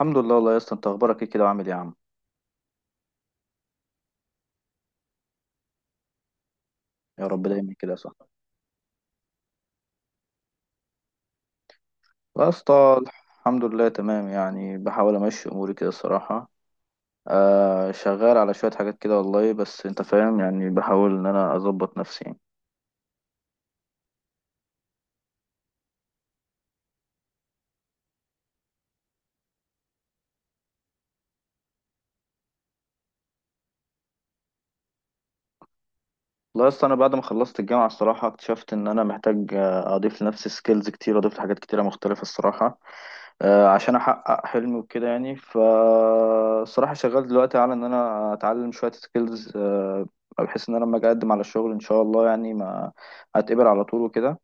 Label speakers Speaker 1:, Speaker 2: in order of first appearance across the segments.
Speaker 1: الحمد لله والله يا اسطى، انت اخبارك ايه كده وعامل ايه يا عم؟ يا رب دايما كده صح. يا اسطى. الحمد لله تمام يعني بحاول امشي اموري كده الصراحه. شغال على شويه حاجات كده والله، بس انت فاهم يعني، بحاول ان انا اظبط نفسي يعني. لا، اصل انا بعد ما خلصت الجامعه الصراحه اكتشفت ان انا محتاج، اضيف لنفسي سكيلز كتير، اضيف لحاجات كتيره مختلفه الصراحه. عشان احقق حلمي وكده يعني، فالصراحه شغال دلوقتي على ان انا اتعلم شويه سكيلز، بحيث ان انا لما اجي اقدم على الشغل ان شاء الله يعني ما اتقبل على طول وكده.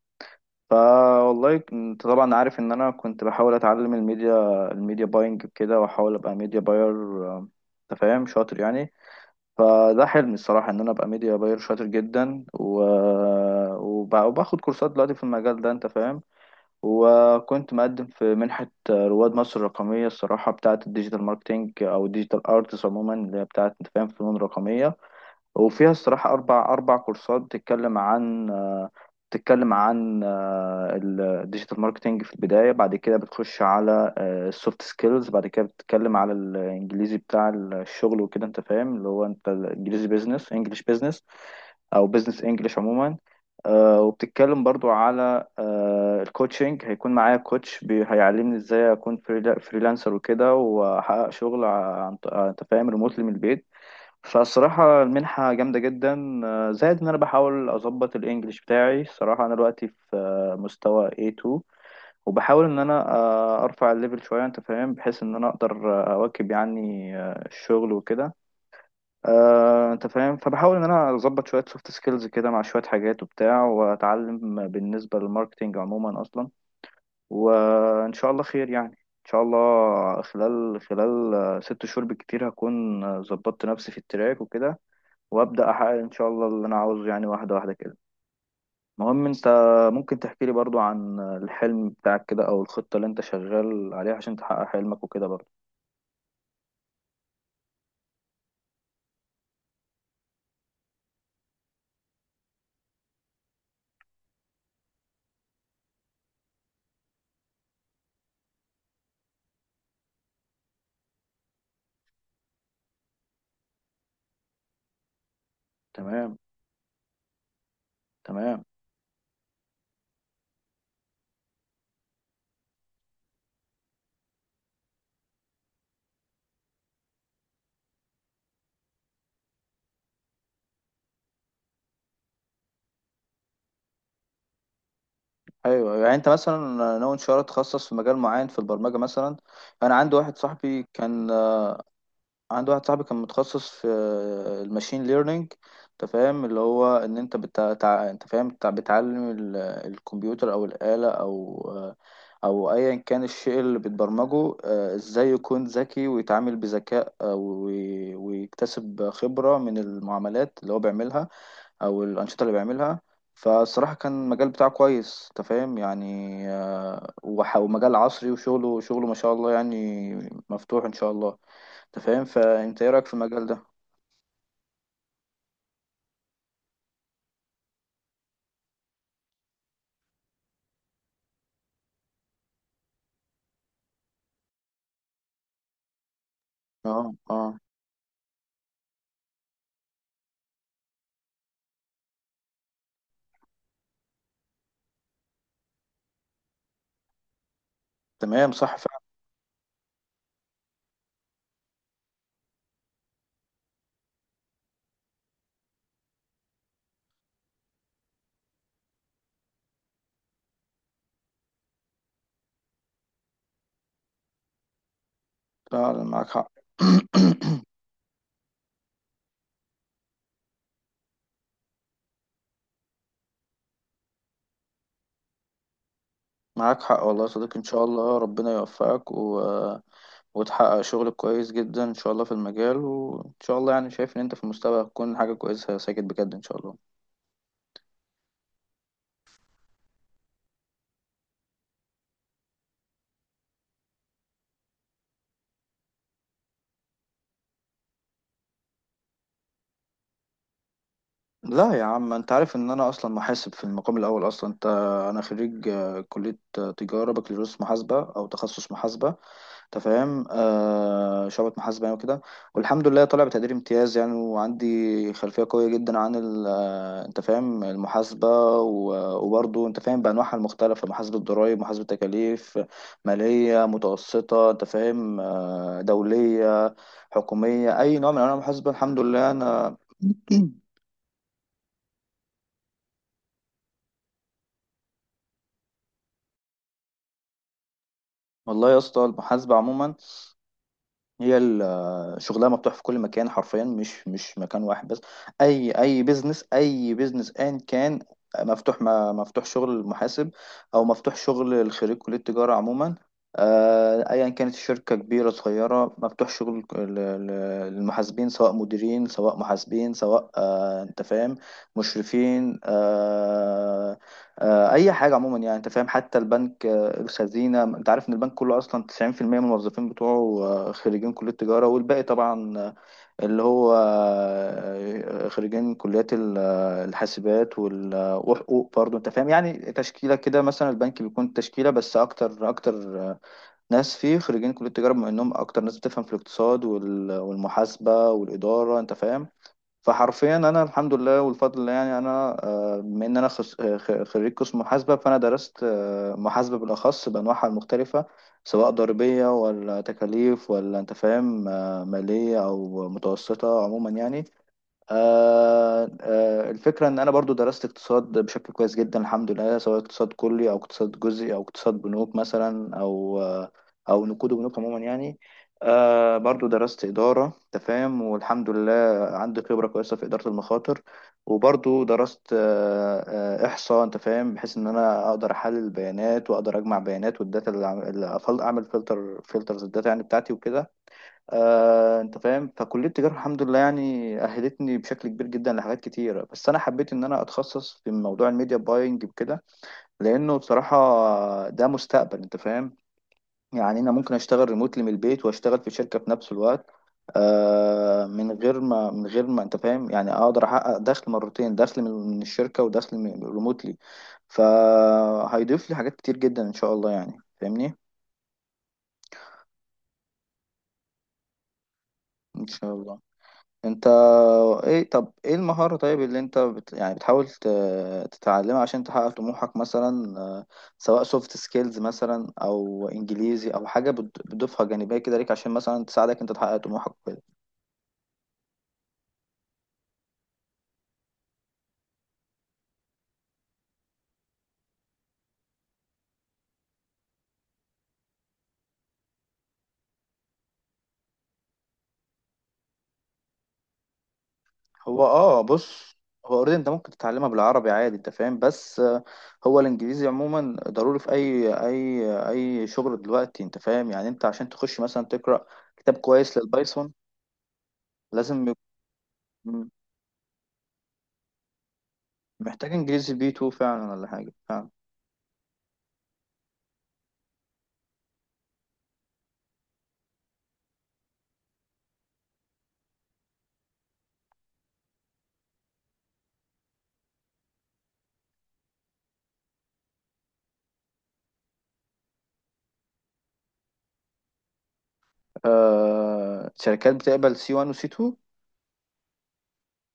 Speaker 1: فوالله انت طبعا عارف ان انا كنت بحاول اتعلم الميديا باينج كده، واحاول ابقى ميديا باير، انت فاهم، شاطر يعني. فده حلمي الصراحة إن أنا أبقى ميديا باير شاطر جدا وباخد كورسات دلوقتي في المجال ده، أنت فاهم. وكنت مقدم في منحة رواد مصر الرقمية الصراحة، بتاعة الديجيتال ماركتينج أو الديجيتال أرتس عموما، اللي هي بتاعة أنت فاهم فنون رقمية. وفيها الصراحة أربع كورسات بتتكلم عن، بتتكلم عن الديجيتال ماركتينج في البداية، بعد كده بتخش على السوفت سكيلز، بعد كده بتتكلم على الإنجليزي بتاع الشغل وكده، أنت فاهم، اللي هو أنت الإنجليزي بيزنس إنجلش بيزنس، أو بيزنس إنجلش عموما. وبتتكلم برضو على الكوتشنج، هيكون معايا كوتش هيعلمني ازاي اكون فريلانسر وكده، واحقق شغل انت فاهم ريموتلي من البيت. فالصراحة المنحة جامدة جدا، زائد إن أنا بحاول أظبط الإنجليش بتاعي الصراحة. أنا دلوقتي في مستوى A2، وبحاول إن أنا أرفع الليفل شوية، أنت فاهم، بحيث إن أنا أقدر أواكب يعني الشغل وكده. أنت فاهم، فبحاول إن أنا أظبط شوية سوفت سكيلز كده مع شوية حاجات وبتاع، وأتعلم بالنسبة للماركتينج عموما أصلا. وإن شاء الله خير يعني. إن شاء الله خلال 6 شهور بالكتير هكون ظبطت نفسي في التراك وكده، وابدا احقق ان شاء الله اللي انا عاوزه يعني، واحده واحده كده. المهم، انت ممكن تحكي لي برضو عن الحلم بتاعك كده، او الخطه اللي انت شغال عليها عشان تحقق حلمك وكده برضو؟ تمام. تمام. ايوه، يعني انت مثلا ناوي ان شاء الله تخصص في مجال معين في البرمجه مثلا؟ انا عندي واحد صاحبي كان، عندي واحد صاحبي كان متخصص في الماشين ليرنينج، انت فاهم، اللي هو ان انت بتعلم الكمبيوتر او الآلة او او ايا كان الشيء اللي بتبرمجه، ازاي يكون ذكي ويتعامل بذكاء، ويكتسب خبرة من المعاملات اللي هو بيعملها، او الأنشطة اللي بيعملها. فالصراحة كان المجال بتاعه كويس، انت فاهم يعني، ومجال عصري، وشغله ما شاء الله يعني مفتوح ان شاء الله. انت فاهم، فانت ايه رايك في المجال ده؟ اه. اه. تمام، صح فعلا. فعلا معاك حق. معاك حق والله يا صديقي، ان شاء الله ربنا يوفقك، وتحقق شغل كويس جدا ان شاء الله في المجال، وان شاء الله يعني شايف ان انت في المستقبل هتكون حاجه كويسه يا ساجد بجد ان شاء الله. لا يا عم، انت عارف ان انا اصلا محاسب في المقام الاول اصلا، انت. انا خريج كليه تجاره، بكالوريوس محاسبه، او تخصص محاسبه، انت فاهم، شعبة محاسبة يعني وكده. والحمد لله طالع بتقدير امتياز يعني، وعندي خلفية قوية جدا عن انت فاهم المحاسبة، وبرضه انت فاهم بأنواعها المختلفة، محاسبة ضرائب، محاسبة تكاليف، مالية متوسطة، انت فاهم، دولية، حكومية، أي نوع من أنواع المحاسبة الحمد لله أنا. والله يا اسطى المحاسبة عموما هي، شغلها مفتوح في كل مكان حرفيا، مش مكان واحد بس. اي اي بيزنس، اي بيزنس ان كان، مفتوح، ما مفتوح شغل المحاسب، او مفتوح شغل خريج كلية التجارة عموما. ايا كانت الشركة كبيرة صغيرة، مفتوح شغل المحاسبين، سواء مديرين، سواء محاسبين، سواء انت فاهم مشرفين، اي حاجة عموما يعني، انت فاهم، حتى البنك، الخزينة، انت عارف ان البنك كله اصلا 90% من الموظفين بتوعه خريجين كلية تجارة، والباقي طبعا، اللي هو خريجين كليات الحاسبات وال- آه، وحقوق برضه، انت فاهم يعني، تشكيلة كده. مثلا البنك بيكون تشكيلة، بس اكتر اكتر ناس فيه خريجين كلية تجارة، بما انهم اكتر ناس بتفهم في الاقتصاد وال- والمحاسبة والإدارة، انت فاهم. فحرفيا انا الحمد لله والفضل لله، يعني انا بما ان انا خريج قسم محاسبه، فانا درست محاسبه بالاخص بانواعها المختلفه، سواء ضريبيه ولا تكاليف ولا انت فاهم ماليه او متوسطه عموما يعني. الفكرة إن أنا برضو درست اقتصاد بشكل كويس جدا الحمد لله، سواء اقتصاد كلي أو اقتصاد جزئي أو اقتصاد بنوك مثلا، أو نقود وبنوك عموما يعني. برضو درست إدارة تفاهم، والحمد لله عندي خبرة كويسة في إدارة المخاطر. وبرضو درست إحصاء، أنت فاهم، بحيث إن أنا أقدر أحلل البيانات، وأقدر أجمع بيانات، والداتا اللي أعمل فلترز الداتا يعني بتاعتي وكده. انت فاهم، فكليه التجاره الحمد لله يعني اهلتني بشكل كبير جدا لحاجات كتيره، بس انا حبيت ان انا اتخصص في موضوع الميديا باينج وكده، لانه بصراحه ده مستقبل، انت فاهم، يعني انا ممكن اشتغل ريموتلي من البيت واشتغل في شركه في نفس الوقت، من غير ما انت فاهم، يعني اقدر احقق دخل مرتين، دخل من الشركه، ودخل من ريموتلي. فهيضيف لي حاجات كتير جدا ان شاء الله يعني، فاهمني؟ ان شاء الله انت. ايه؟ طب ايه المهارة طيب اللي انت يعني بتحاول تتعلمها عشان تحقق طموحك، مثلا سواء سوفت سكيلز مثلا، او انجليزي، او حاجة بتضيفها جانبية كده ليك، عشان مثلا تساعدك انت تحقق طموحك وكده؟ هو اه، بص، هو اوريدي انت ممكن تتعلمها بالعربي عادي، انت فاهم، بس هو الانجليزي عموما ضروري في اي شغل دلوقتي، انت فاهم يعني، انت عشان تخش مثلا تقرأ كتاب كويس للبايثون لازم يكون- محتاج انجليزي بي 2 فعلا ولا حاجة فعلا. آه، شركات بتقبل سي 1 وسي 2.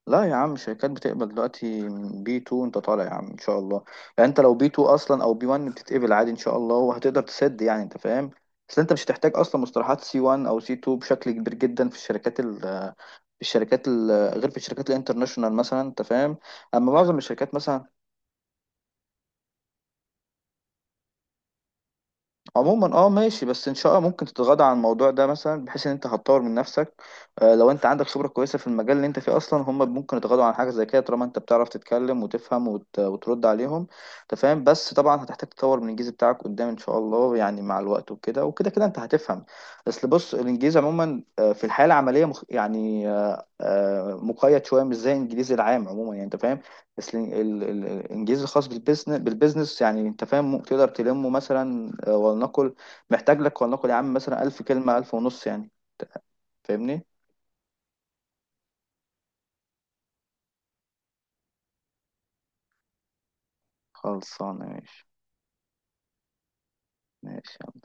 Speaker 1: لا يا عم، شركات بتقبل دلوقتي من بي 2، انت طالع يا عم ان شاء الله، يعني انت لو بي 2 اصلا او بي 1 بتتقبل عادي ان شاء الله، وهتقدر تسد يعني، انت فاهم. بس انت مش هتحتاج اصلا مصطلحات سي 1 او سي 2 بشكل كبير جدا في الشركات غير في الشركات الانترناشونال مثلا، انت فاهم، اما معظم الشركات مثلا عموما اه ماشي. بس ان شاء الله ممكن تتغاضى عن الموضوع ده مثلا، بحيث ان انت هتطور من نفسك. لو انت عندك خبرة كويسة في المجال اللي انت فيه اصلا، هم ممكن يتغاضوا عن حاجة زي كده طالما انت بتعرف تتكلم وتفهم وترد عليهم، انت فاهم. بس طبعا هتحتاج تطور من الانجليزي بتاعك قدام ان شاء الله يعني مع الوقت وكده، وكده كده انت هتفهم. بس بص، الانجليزي عموما في الحياة العملية يعني مقيد شوية، مش زي الانجليزي العام عموما يعني، انت فاهم. بس الانجليزي الخاص بالبيزنس يعني، انت فاهم، تقدر تلمه مثلا، ولنقل محتاج لك، ولنقل يا عم مثلا 1000 كلمة، 1500 يعني، فاهمني. خلصانة ماشي. ماشي يلا.